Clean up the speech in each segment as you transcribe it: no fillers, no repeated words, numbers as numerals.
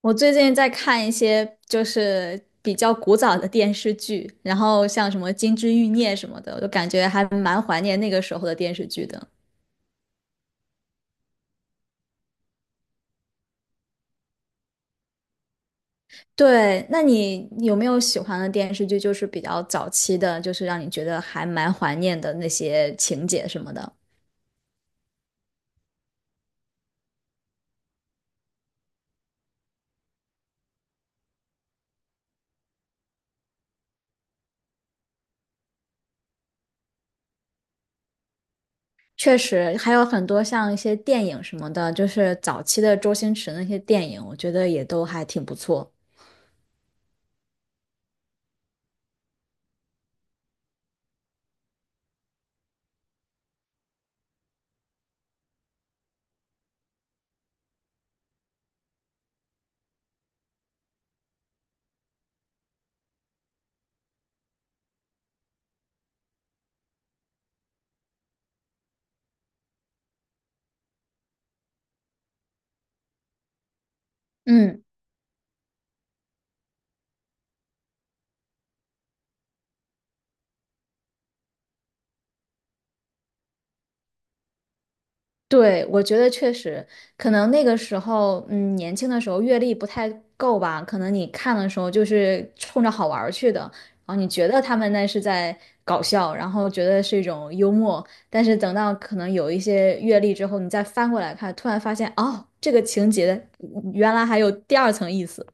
我最近在看一些就是比较古早的电视剧，然后像什么《金枝欲孽》什么的，我就感觉还蛮怀念那个时候的电视剧的。对，那你有没有喜欢的电视剧，就是比较早期的，就是让你觉得还蛮怀念的那些情节什么的？确实，还有很多像一些电影什么的，就是早期的周星驰那些电影，我觉得也都还挺不错。嗯。对，我觉得确实，可能那个时候，嗯，年轻的时候阅历不太够吧，可能你看的时候就是冲着好玩儿去的，然后你觉得他们那是在搞笑，然后觉得是一种幽默，但是等到可能有一些阅历之后，你再翻过来看，突然发现，哦，这个情节原来还有第二层意思。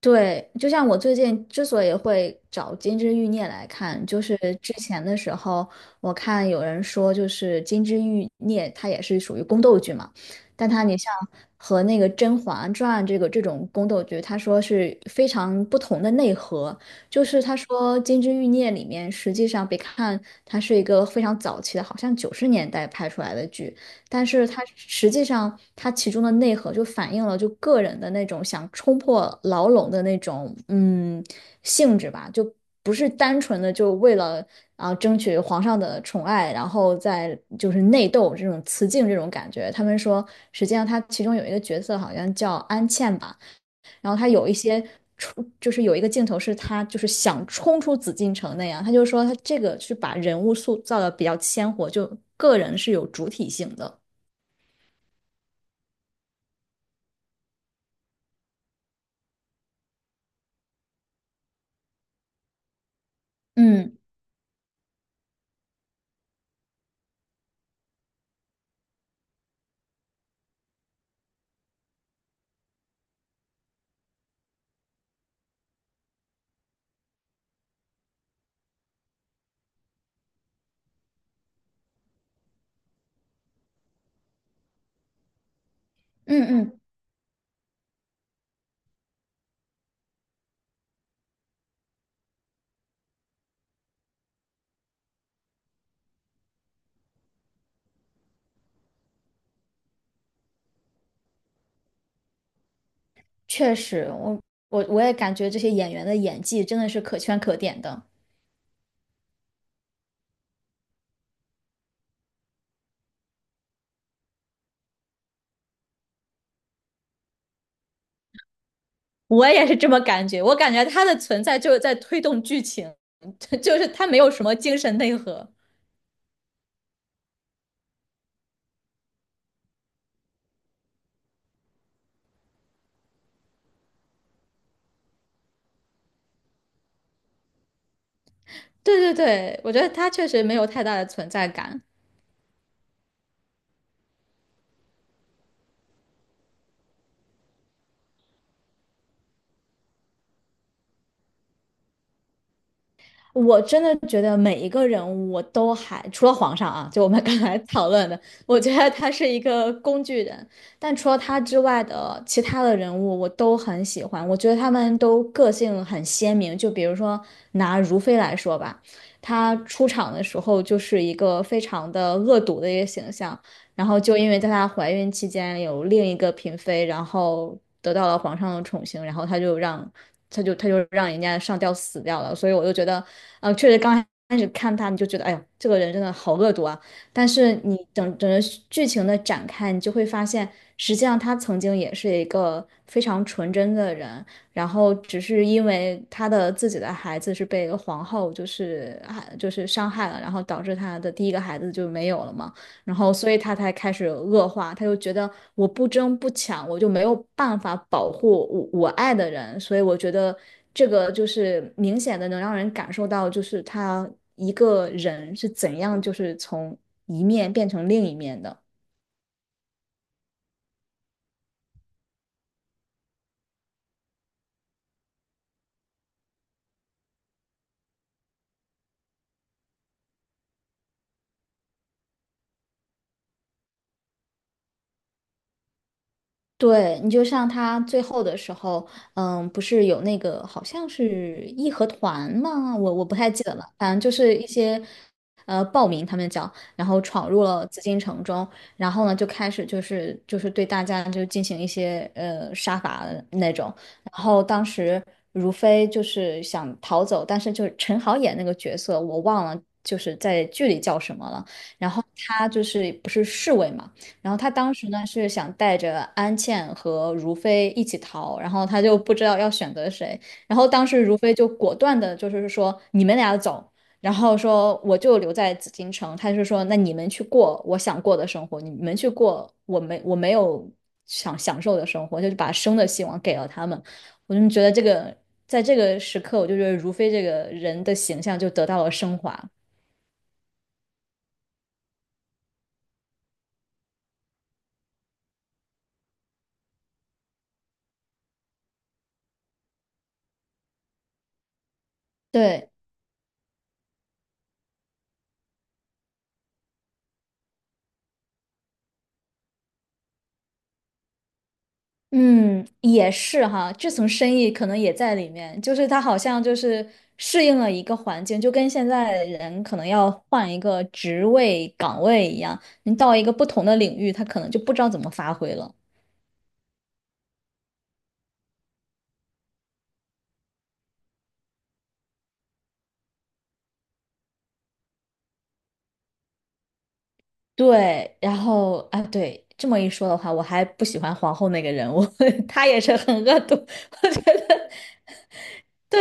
对，就像我最近之所以会找《金枝欲孽》来看，就是之前的时候，我看有人说，就是《金枝欲孽》它也是属于宫斗剧嘛，但它你像和那个《甄嬛传》这个这种宫斗剧，他说是非常不同的内核。就是他说《金枝欲孽》里面，实际上别看它是一个非常早期的，好像九十年代拍出来的剧，但是它实际上它其中的内核就反映了就个人的那种想冲破牢笼的那种性质吧，就不是单纯的就为了啊争取皇上的宠爱，然后再就是内斗这种雌竞这种感觉。他们说，实际上他其中有一个角色好像叫安茜吧，然后他有一些。冲就是有一个镜头是他就是想冲出紫禁城那样，他就说他这个是把人物塑造的比较鲜活，就个人是有主体性的。嗯嗯嗯，确实，我也感觉这些演员的演技真的是可圈可点的。我也是这么感觉，我感觉他的存在就是在推动剧情，就是他没有什么精神内核。对对对，我觉得他确实没有太大的存在感。我真的觉得每一个人物我都还，除了皇上啊，就我们刚才 讨论的，我觉得他是一个工具人。但除了他之外的其他的人物，我都很喜欢。我觉得他们都个性很鲜明。就比如说拿如妃来说吧，她出场的时候就是一个非常的恶毒的一个形象，然后就因为在她怀孕期间有另一个嫔妃，然后得到了皇上的宠幸，然后她就让他就让人家上吊死掉了。所以我就觉得，确实刚开始看他，你就觉得，哎呦，这个人真的好恶毒啊。但是你整个剧情的展开，你就会发现，实际上他曾经也是一个非常纯真的人，然后只是因为他的自己的孩子是被皇后就是啊就是伤害了，然后导致他的第一个孩子就没有了嘛。然后所以他才开始恶化，他就觉得我不争不抢，我就没有办法保护我爱的人，所以我觉得这个就是明显的能让人感受到，就是他一个人是怎样就是从一面变成另一面的。对，你就像他最后的时候，嗯，不是有那个好像是义和团吗？我不太记得了，反正就是一些暴民他们讲，然后闯入了紫禁城中，然后呢就开始就是对大家就进行一些杀伐的那种，然后当时如妃就是想逃走，但是就是陈好演那个角色我忘了就是在剧里叫什么了，然后他就是不是侍卫嘛。然后他当时呢是想带着安茜和如妃一起逃，然后他就不知道要选择谁。然后当时如妃就果断的，就是说你们俩走，然后说我就留在紫禁城。他就说那你们去过我想过的生活，你们去过我没有想享受的生活，就是把生的希望给了他们。我就觉得这个在这个时刻，我就觉得如妃这个人的形象就得到了升华。对，嗯，也是哈，这层深意可能也在里面，就是他好像就是适应了一个环境，就跟现在人可能要换一个职位岗位一样，你到一个不同的领域，他可能就不知道怎么发挥了。对，然后啊，对，这么一说的话，我还不喜欢皇后那个人物，她也是很恶毒，我觉得。对，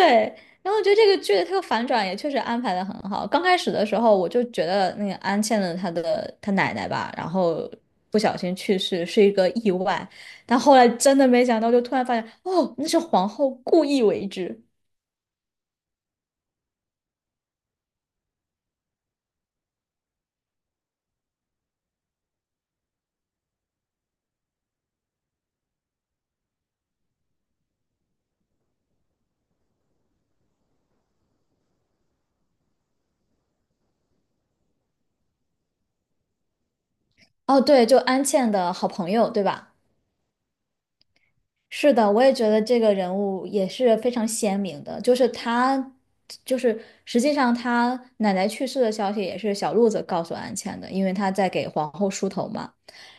然后我觉得这个剧的这个反转也确实安排的很好。刚开始的时候，我就觉得那个安茜的她奶奶吧，然后不小心去世是一个意外，但后来真的没想到，就突然发现哦，那是皇后故意为之。哦，对，就安茜的好朋友，对吧？是的，我也觉得这个人物也是非常鲜明的，就是他，就是实际上他奶奶去世的消息也是小鹿子告诉安茜的，因为他在给皇后梳头嘛。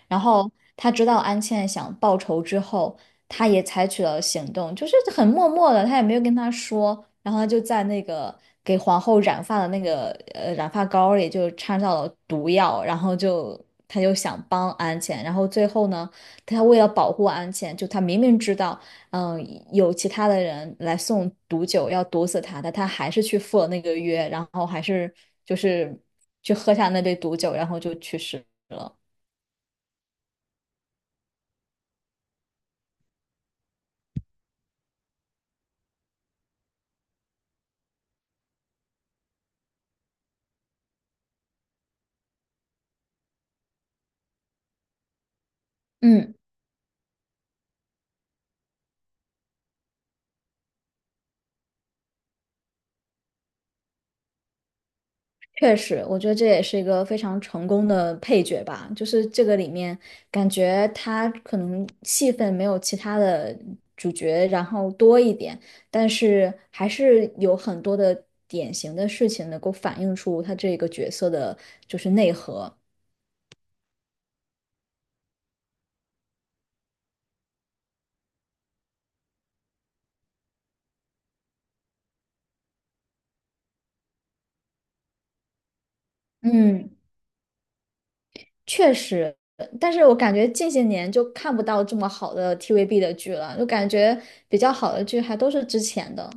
然后他知道安茜想报仇之后，他也采取了行动，就是很默默的，他也没有跟他说，然后他就在那个给皇后染发的那个染发膏里就掺到了毒药，然后就他就想帮安茜，然后最后呢。他为了保护安茜，就他明明知道，嗯、有其他的人来送毒酒要毒死他但他还是去赴了那个约，然后还是就是去喝下那杯毒酒，然后就去世。嗯。确实，我觉得这也是一个非常成功的配角吧。就是这个里面，感觉他可能戏份没有其他的主角然后多一点，但是还是有很多的典型的事情能够反映出他这个角色的就是内核。嗯，确实，但是我感觉近些年就看不到这么好的 TVB 的剧了，就感觉比较好的剧还都是之前的。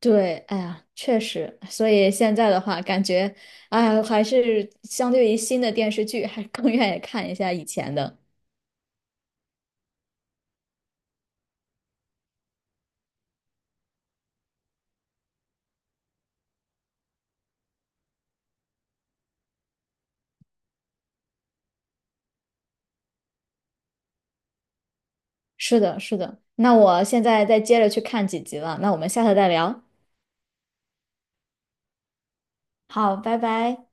对，哎呀，确实，所以现在的话，感觉，哎呀，还是相对于新的电视剧，还更愿意看一下以前的。是的，是的。那我现在再接着去看几集了，那我们下次再聊。好，拜拜。